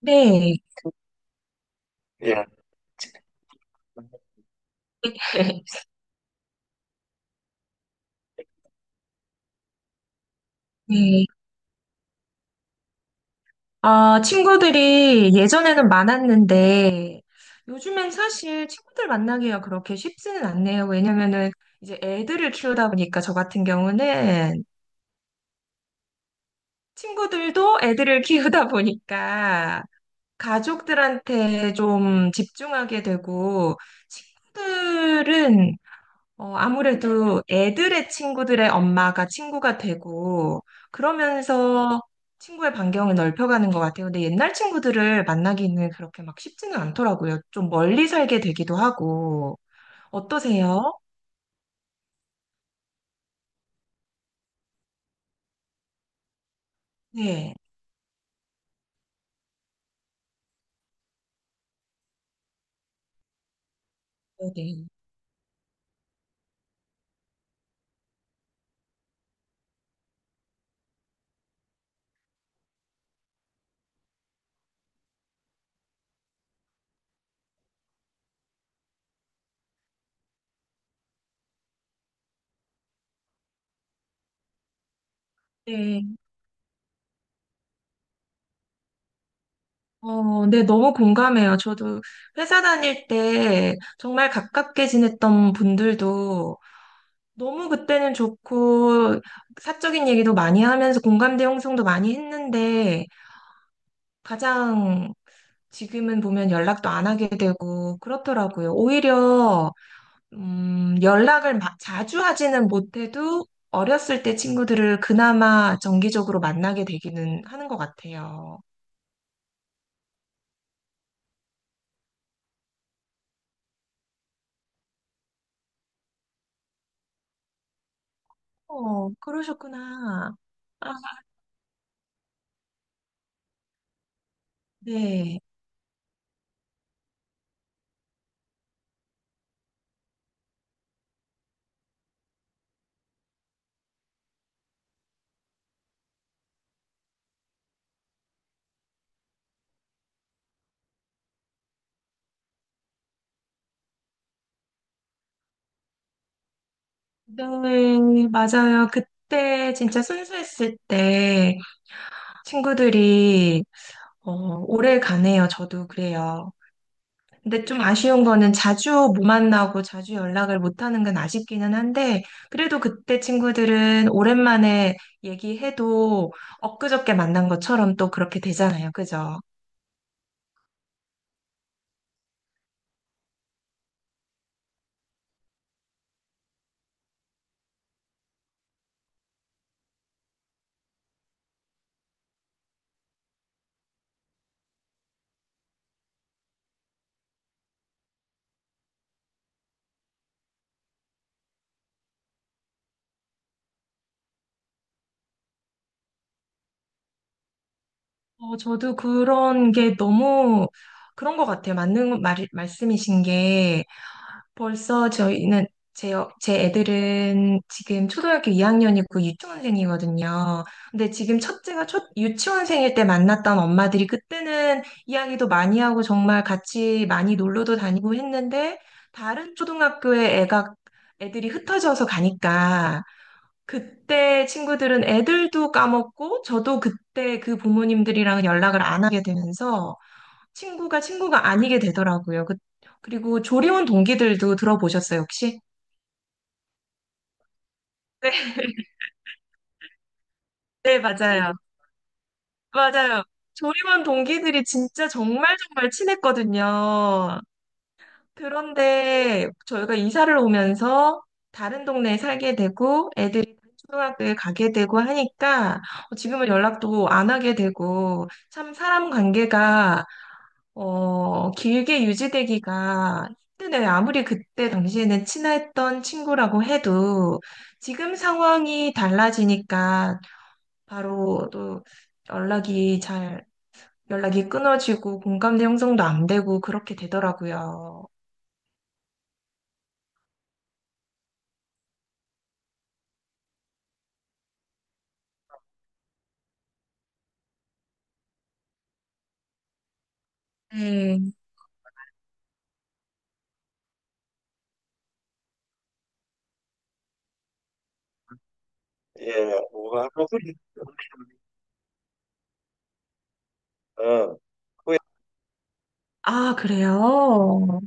네. 예. 네. 아, 친구들이 예전에는 많았는데, 요즘엔 사실 친구들 만나기가 그렇게 쉽지는 않네요. 왜냐면은 이제 애들을 키우다 보니까, 저 같은 경우는 친구들도 애들을 키우다 보니까, 가족들한테 좀 집중하게 되고, 친구들은 아무래도 애들의 친구들의 엄마가 친구가 되고, 그러면서 친구의 반경을 넓혀가는 것 같아요. 근데 옛날 친구들을 만나기는 그렇게 막 쉽지는 않더라고요. 좀 멀리 살게 되기도 하고. 어떠세요? 네. 네. 네. 네. 어, 네, 너무 공감해요. 저도 회사 다닐 때 정말 가깝게 지냈던 분들도 너무 그때는 좋고, 사적인 얘기도 많이 하면서 공감대 형성도 많이 했는데, 가장 지금은 보면 연락도 안 하게 되고 그렇더라고요. 오히려 연락을 자주 하지는 못해도 어렸을 때 친구들을 그나마 정기적으로 만나게 되기는 하는 것 같아요. 어, 그러셨구나. 아, 네. 네, 맞아요. 그때 진짜 순수했을 때 친구들이 어, 오래 가네요. 저도 그래요. 근데 좀 아쉬운 거는 자주 못 만나고 자주 연락을 못 하는 건 아쉽기는 한데, 그래도 그때 친구들은 오랜만에 얘기해도 엊그저께 만난 것처럼 또 그렇게 되잖아요. 그죠? 어, 저도 그런 게 너무 그런 것 같아요. 맞는 말씀이신 게. 벌써 저희는 제, 제 애들은 지금 초등학교 2학년이고 유치원생이거든요. 근데 지금 첫째가 첫 유치원생일 때 만났던 엄마들이 그때는 이야기도 많이 하고 정말 같이 많이 놀러도 다니고 했는데 다른 초등학교에 애가 애들이 흩어져서 가니까 그때 친구들은 애들도 까먹고 저도 그때 그 부모님들이랑 연락을 안 하게 되면서 친구가 친구가 아니게 되더라고요. 그리고 조리원 동기들도 들어보셨어요, 혹시? 네, 네, 맞아요. 맞아요. 조리원 동기들이 진짜 정말 정말 친했거든요. 그런데 저희가 이사를 오면서 다른 동네에 살게 되고 애들이 다른 초등학교에 가게 되고 하니까 지금은 연락도 안 하게 되고 참 사람 관계가 길게 유지되기가 힘드네요. 아무리 그때 당시에는 친했던 친구라고 해도 지금 상황이 달라지니까 바로 또 연락이 잘, 연락이 끊어지고 공감대 형성도 안 되고 그렇게 되더라고요. 네. 예, 뭐가 하고 그 후회 아, 그래요?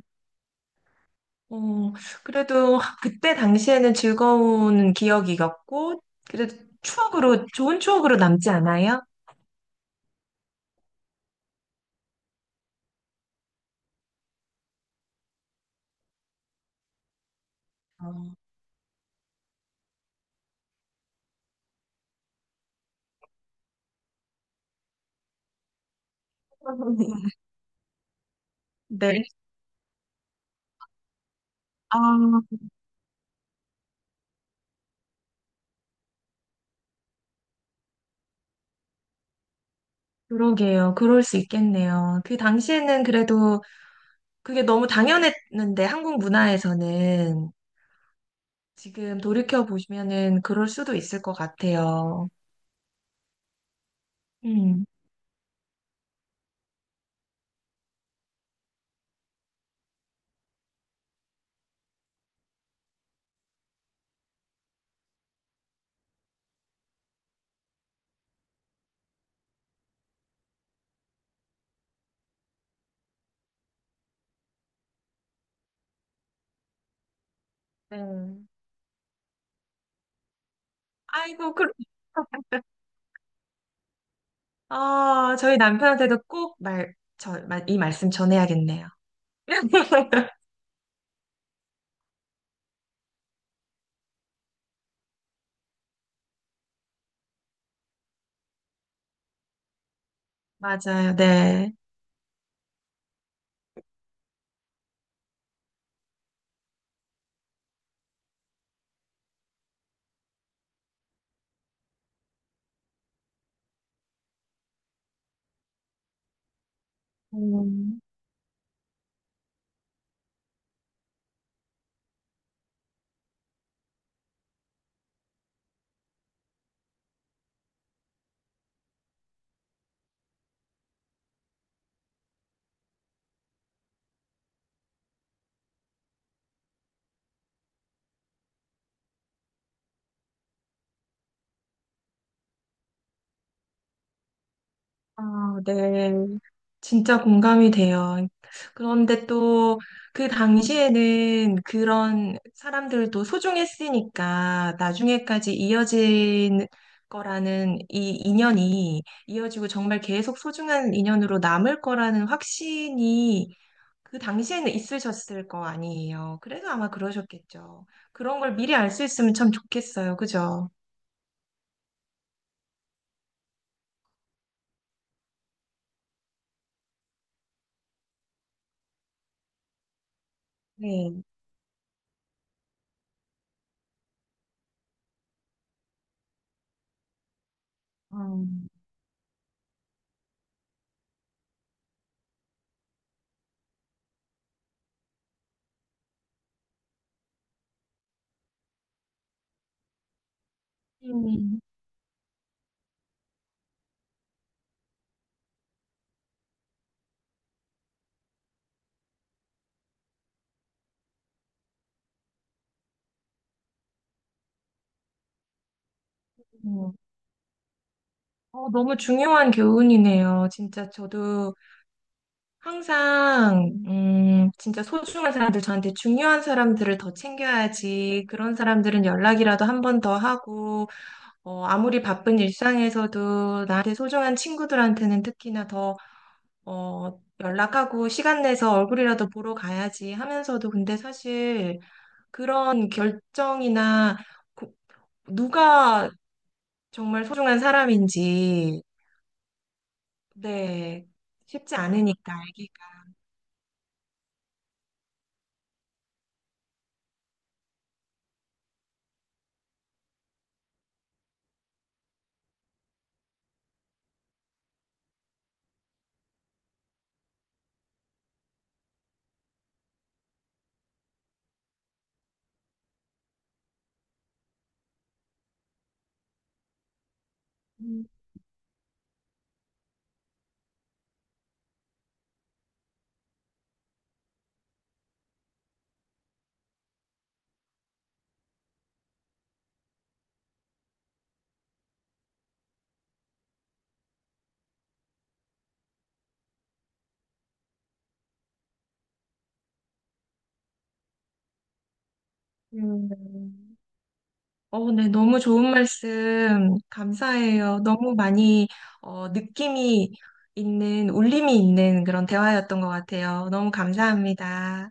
어, 그래도 그때 당시에는 즐거운 기억이었고, 그래도 추억으로, 좋은 추억으로 남지 않아요? 어. 그러게요. 그럴 수 있겠네요. 그 당시에는 그래도 그게 너무 당연했는데, 한국 문화에서는 지금 돌이켜 보시면은 그럴 수도 있을 것 같아요. 음. 네. 아이고, 아, 저희 남편한테도 꼭 이 말씀 전해야겠네요. 맞아요. 네. 음, 아, 네. 진짜 공감이 돼요. 그런데 또 그 당시에는 그런 사람들도 소중했으니까 나중에까지 이어진 거라는 이 인연이 이어지고 정말 계속 소중한 인연으로 남을 거라는 확신이 그 당시에는 있으셨을 거 아니에요. 그래서 아마 그러셨겠죠. 그런 걸 미리 알 수 있으면 참 좋겠어요. 그죠? 네. 음. 음. 어, 너무 중요한 교훈이네요. 진짜 저도 항상, 진짜 소중한 사람들, 저한테 중요한 사람들을 더 챙겨야지. 그런 사람들은 연락이라도 한 번 더 하고, 아무리 바쁜 일상에서도 나한테 소중한 친구들한테는 특히나 더, 연락하고 시간 내서 얼굴이라도 보러 가야지 하면서도 근데 사실 그런 결정이나 고- 누가 정말 소중한 사람인지 네. 쉽지 않으니까, 아기가. 음. 음. 어, 네. 너무 좋은 말씀 감사해요. 너무 많이 느낌이 있는, 울림이 있는 그런 대화였던 것 같아요. 너무 감사합니다.